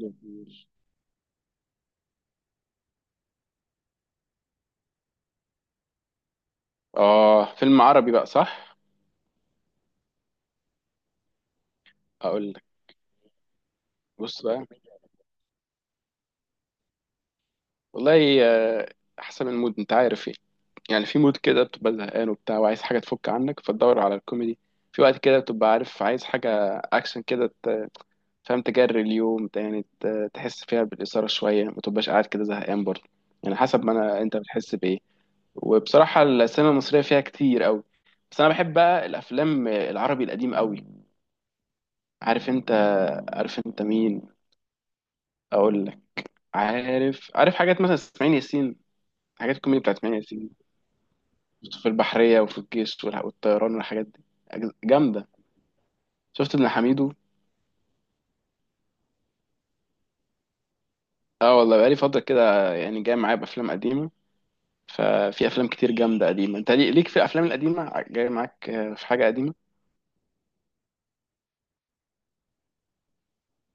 جميل. اه فيلم عربي بقى صح. اقول لك بص بقى والله احسن من المود انت عارف ايه. يعني في مود كده بتبقى زهقان وبتاع وعايز حاجه تفك عنك فتدور على الكوميدي. في وقت كده بتبقى عارف عايز حاجه اكشن كده فاهم تجري اليوم يعني تحس فيها بالاثاره شويه ما تبقاش قاعد كده زهقان برضه. يعني حسب ما انت بتحس بايه. وبصراحه السينما المصريه فيها كتير قوي، بس انا بحب بقى الافلام العربي القديم قوي. عارف انت، عارف انت مين؟ اقول لك، عارف عارف حاجات مثلا اسماعيل ياسين، حاجات الكوميدي بتاعت اسماعيل ياسين في البحرية وفي الجيش والطيران والحاجات دي. جامدة. شفت ابن حميدو؟ اه والله بقالي فترة كده يعني جاي معايا بأفلام قديمة. ففي أفلام كتير جامدة قديمة. انت ليك في الأفلام القديمة جاي معاك في حاجة قديمة.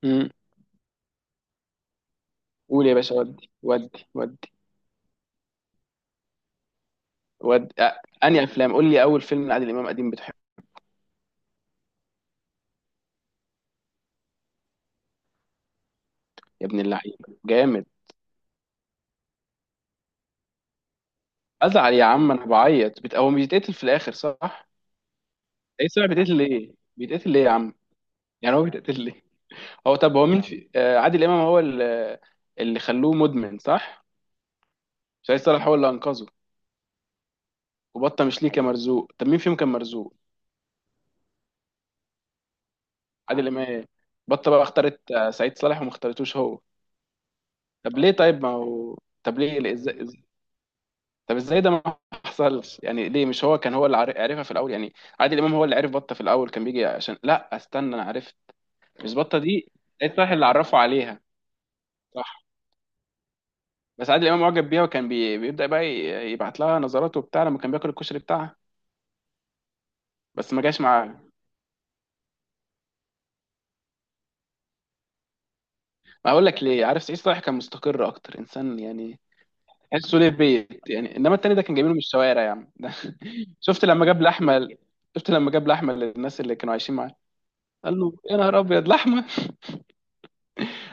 امم، قول يا باشا. ودي أه. أنهي أفلام؟ قول لي أول فيلم لعادل إمام قديم بتحبه. يا ابن اللعيبة جامد. أزعل يا عم أنا بعيط هو بيتقتل في الآخر صح؟ إيه سبب بيتقتل ليه؟ بيتقتل ليه يا عم؟ يعني هو بيتقتل ليه؟ هو طب هو مين في عادل امام هو اللي، اللي خلوه مدمن صح؟ سعيد صالح هو اللي انقذه. وبطه مش ليه كان مرزوق؟ طب مين فيهم كان مرزوق؟ عادل امام. بطه بقى اختارت سعيد صالح وما اختارتوش هو. طب ليه؟ طيب ما هو طب ليه ازاي طب ازاي ده ما حصلش؟ يعني ليه مش هو كان هو اللي عارفها في الاول يعني؟ عادل امام هو اللي عرف بطه في الاول كان بيجي عشان لا استنى انا عرفت. مش بطه دي؟ سعيد صالح اللي عرفه عليها صح؟ بس عادل امام معجب بيها، وكان بيبدا بقى يبعت لها نظرات وبتاع لما كان بياكل الكشري بتاعها، بس ما جاش معاها. ما اقول لك ليه؟ عارف سعيد صالح كان مستقر اكتر انسان يعني، تحسه ليه في بيت يعني، انما التاني ده كان جايبينه من الشوارع يا عم ده شفت لما جاب لحمه، شفت لما جاب لحمه للناس اللي كانوا عايشين معاه؟ قال له يا نهار ابيض لحمه.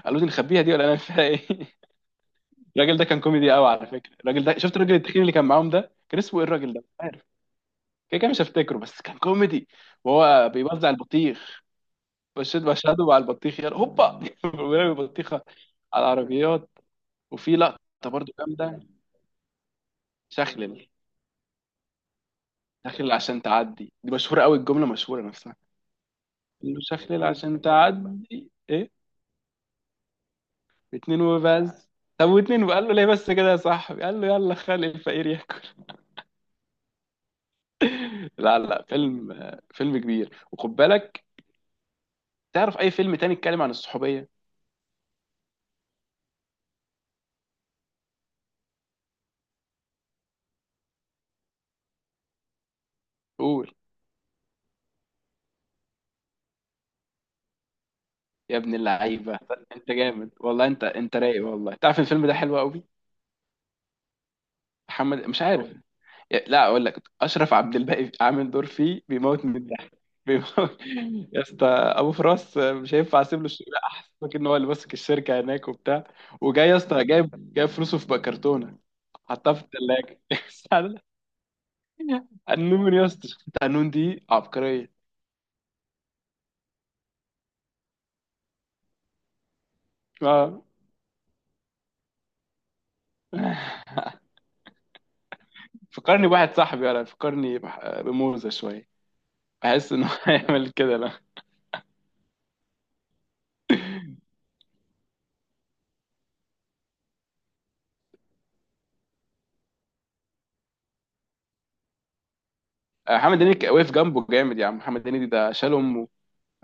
قالوا دي نخبيها دي ولا انا فيها ايه؟ الراجل ده كان كوميدي قوي على فكره. الراجل ده، شفت الراجل التخين اللي كان معاهم ده كان اسمه ايه الراجل ده؟ مش عارف، كده كده مش هفتكره، بس كان كوميدي. وهو بيوزع البطيخ، مشيت مشهدهم على البطيخ يلا هوبا ورمي بطيخه على العربيات. وفي لقطه برضو جامده، شخلل. شخلل عشان تعدي، دي مشهوره قوي الجمله مشهوره نفسها. قال له شخلل عشان تعدي ايه؟ اتنين وبس. طب واتنين، وقال له ليه بس كده يا صاحبي؟ قال له يلا خلي الفقير ياكل. لا فيلم، فيلم كبير وخد بالك. تعرف اي فيلم تاني اتكلم عن الصحوبيه؟ قول يا ابن اللعيبه، انت جامد والله. انت رايق والله. تعرف الفيلم ده حلو قوي. محمد، مش عارف. لا اقول لك، اشرف عبد الباقي عامل دور فيه بيموت من الضحك. بيموت. يا اسطى ابو فراس مش هينفع اسيب له الشغل احسن. ان هو اللي ماسك الشركه هناك وبتاع، وجاي يا اسطى جايب فلوسه في بقى كرتونه، حطها في الثلاجه. النون يا اسطى، شفت النون دي عبقريه. اه، فكرني بواحد صاحبي انا، فكرني بموزه شويه. بحس انه هيعمل كده لا. محمد هنيدي وقف جنبه جامد يا عم. محمد هنيدي ده شال امه،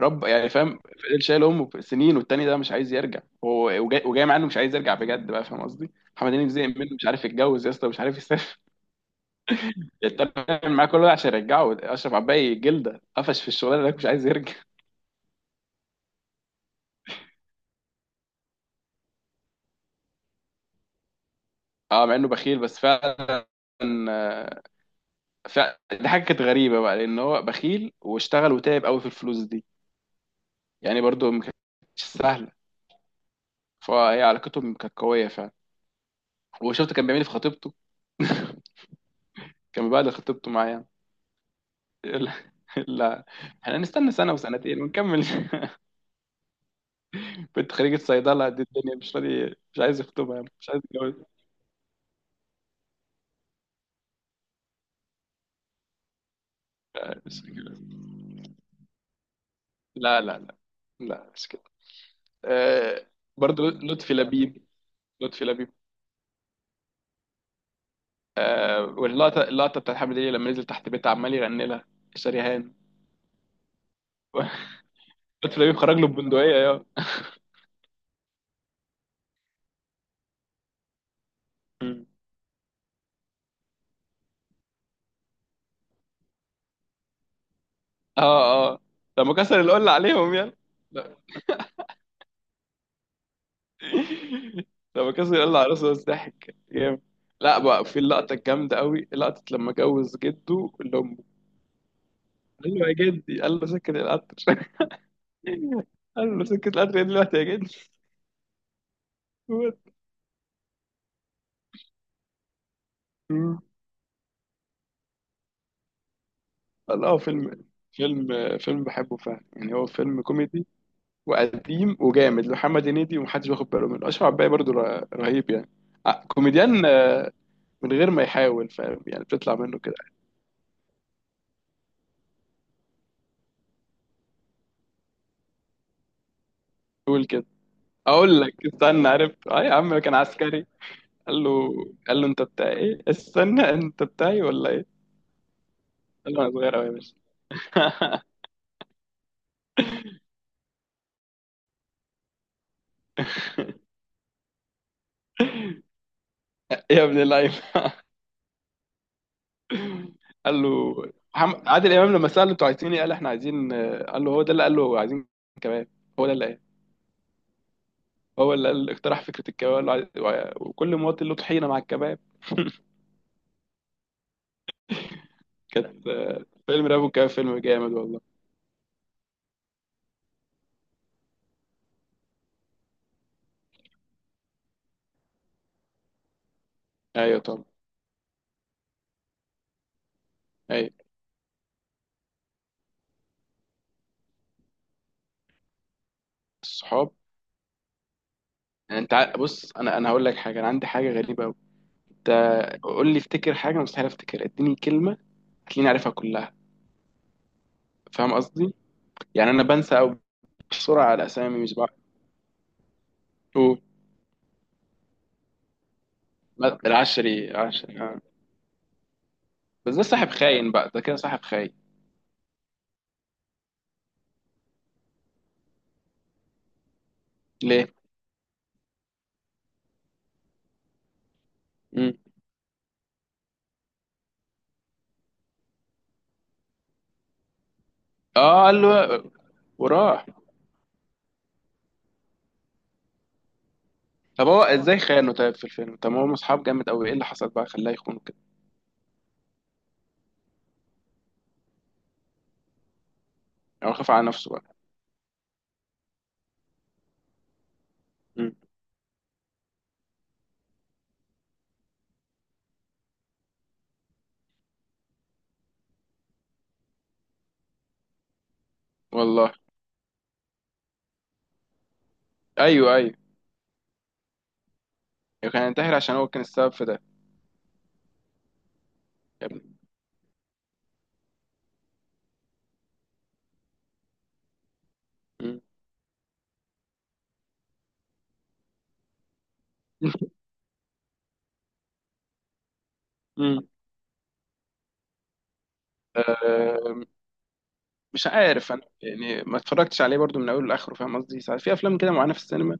رب يعني فاهم، فضل شايل امه سنين، والتاني ده مش عايز يرجع هو وجاي مع انه مش عايز يرجع بجد بقى فاهم قصدي. محمد هنيدي زهق منه، مش عارف يتجوز يا اسطى، مش عارف يسافر. يتكلم معاه كل ده عشان يرجعه. اشرف عباية جلده قفش في الشغلانه ده، مش عايز يرجع. اه، مع انه بخيل بس فعلا. فعلا دي حاجه كانت غريبه بقى، لان هو بخيل واشتغل وتعب قوي في الفلوس دي، يعني برضو ما كانتش سهله. فهي علاقتهم كانت قويه فعلا. وشفت كان بيعمل إيه في خطيبته؟ كان بيبهدل خطيبته معايا. لا، لا، احنا نستنى سنة وسنتين ونكمل. بنت خريجة صيدلة دي الدنيا، مش راضي مش عايز يخطبها يعني. مش عايز يتجوز. مش كده. لا، لا مش كده. آه، برضه لطفي لبيب. لطفي لبيب. آه، واللقطة، اللقطة بتاعت حامد هليل لما نزل تحت بيتها عمال يغني لها شريهان. لطفي لبيب خرج له ببندقية يا. اه لما كسر القلة عليهم يا، لما كسر قال لعروسه بس ضحك جامد. لا بقى في اللقطة الجامدة قوي، لقطة لما جوز جده لأمه قال له يا جدي، قال له سكت القطر. قال له سكت القطر ايه دلوقتي يا جدي؟ قال اه فيلم، فيلم، فيلم بحبه فعلا. يعني هو فيلم كوميدي وقديم وجامد لمحمد هنيدي، ومحدش واخد باله منه. أشرف عباية برضو رهيب يعني، كوميديان من غير ما يحاول فاهم يعني، بتطلع منه كده. قول كده. اقول لك استنى، عرفت اه يا عم كان عسكري. قال له، قال له انت بتاع ايه، استنى انت بتاعي ولا ايه؟ قال له انا صغير قوي يا باشا. يا ابن اللعيبه. قال له، عادل امام لما ساله انتوا عايزين ايه، قال احنا عايزين. قال له هو ده اللي قال له عايزين كباب. هو ده اللي قال، هو اللي اقترح فكره الكباب. قال له وكل مواطن له طحينه مع الكباب. كانت فيلم راب والكباب فيلم جامد والله. ايوه طبعا. ايوه الصحاب. يعني انت بص انا هقول لك حاجه، انا عندي حاجه غريبه قوي. انت، قول لي افتكر حاجه أنا مستحيل افتكر، اديني كلمه هتلاقيني عارفها كلها، فاهم قصدي؟ يعني انا بنسى او بسرعه على اسامي مش بعرف. أوه، ما- العشري، العشري آه. بس ده صاحب خاين بقى، ده كده صاحب خاين. ليه؟ مم. اه قال له، وراح. طب هو ازاي خانه طيب في الفيلم؟ طب ما هم اصحاب جامد قوي، ايه اللي حصل بقى خلاه يخونه كده؟ يعني هو خاف على نفسه بقى. مم. والله، ايوه ايوه. يعني كان ينتحر عشان هو كان السبب في ده؟ يا ابني. مم. مم. آه، مش عارف انا يعني ما اتفرجتش عليه برضو من اوله لاخره، فاهم قصدي؟ ساعات في افلام كده معينه في السينما.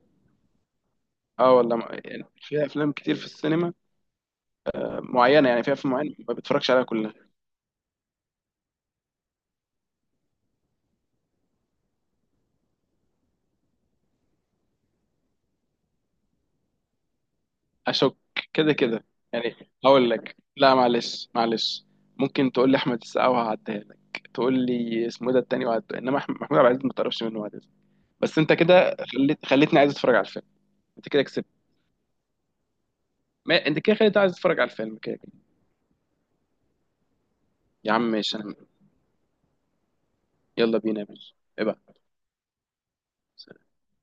اه والله ما-، يعني في افلام كتير في السينما معينه، يعني في افلام معينه ما بتفرجش عليها كلها. اشك. كده كده. يعني هقول لك لا، معلش. ممكن تقول لي احمد السقا وهعديها لك، تقول لي اسمه إيه ده التاني وهعديها، انما محمود عبد العزيز ما تعرفش منه وهعديها لك. بس انت كده خليتني عايز اتفرج على الفيلم. انت كده كسبت. ما... انت كده خليتني عايز اتفرج على الفيلم كده كده. يا عم ماشي انا. يلا بينا يا باشا، ايه بقى؟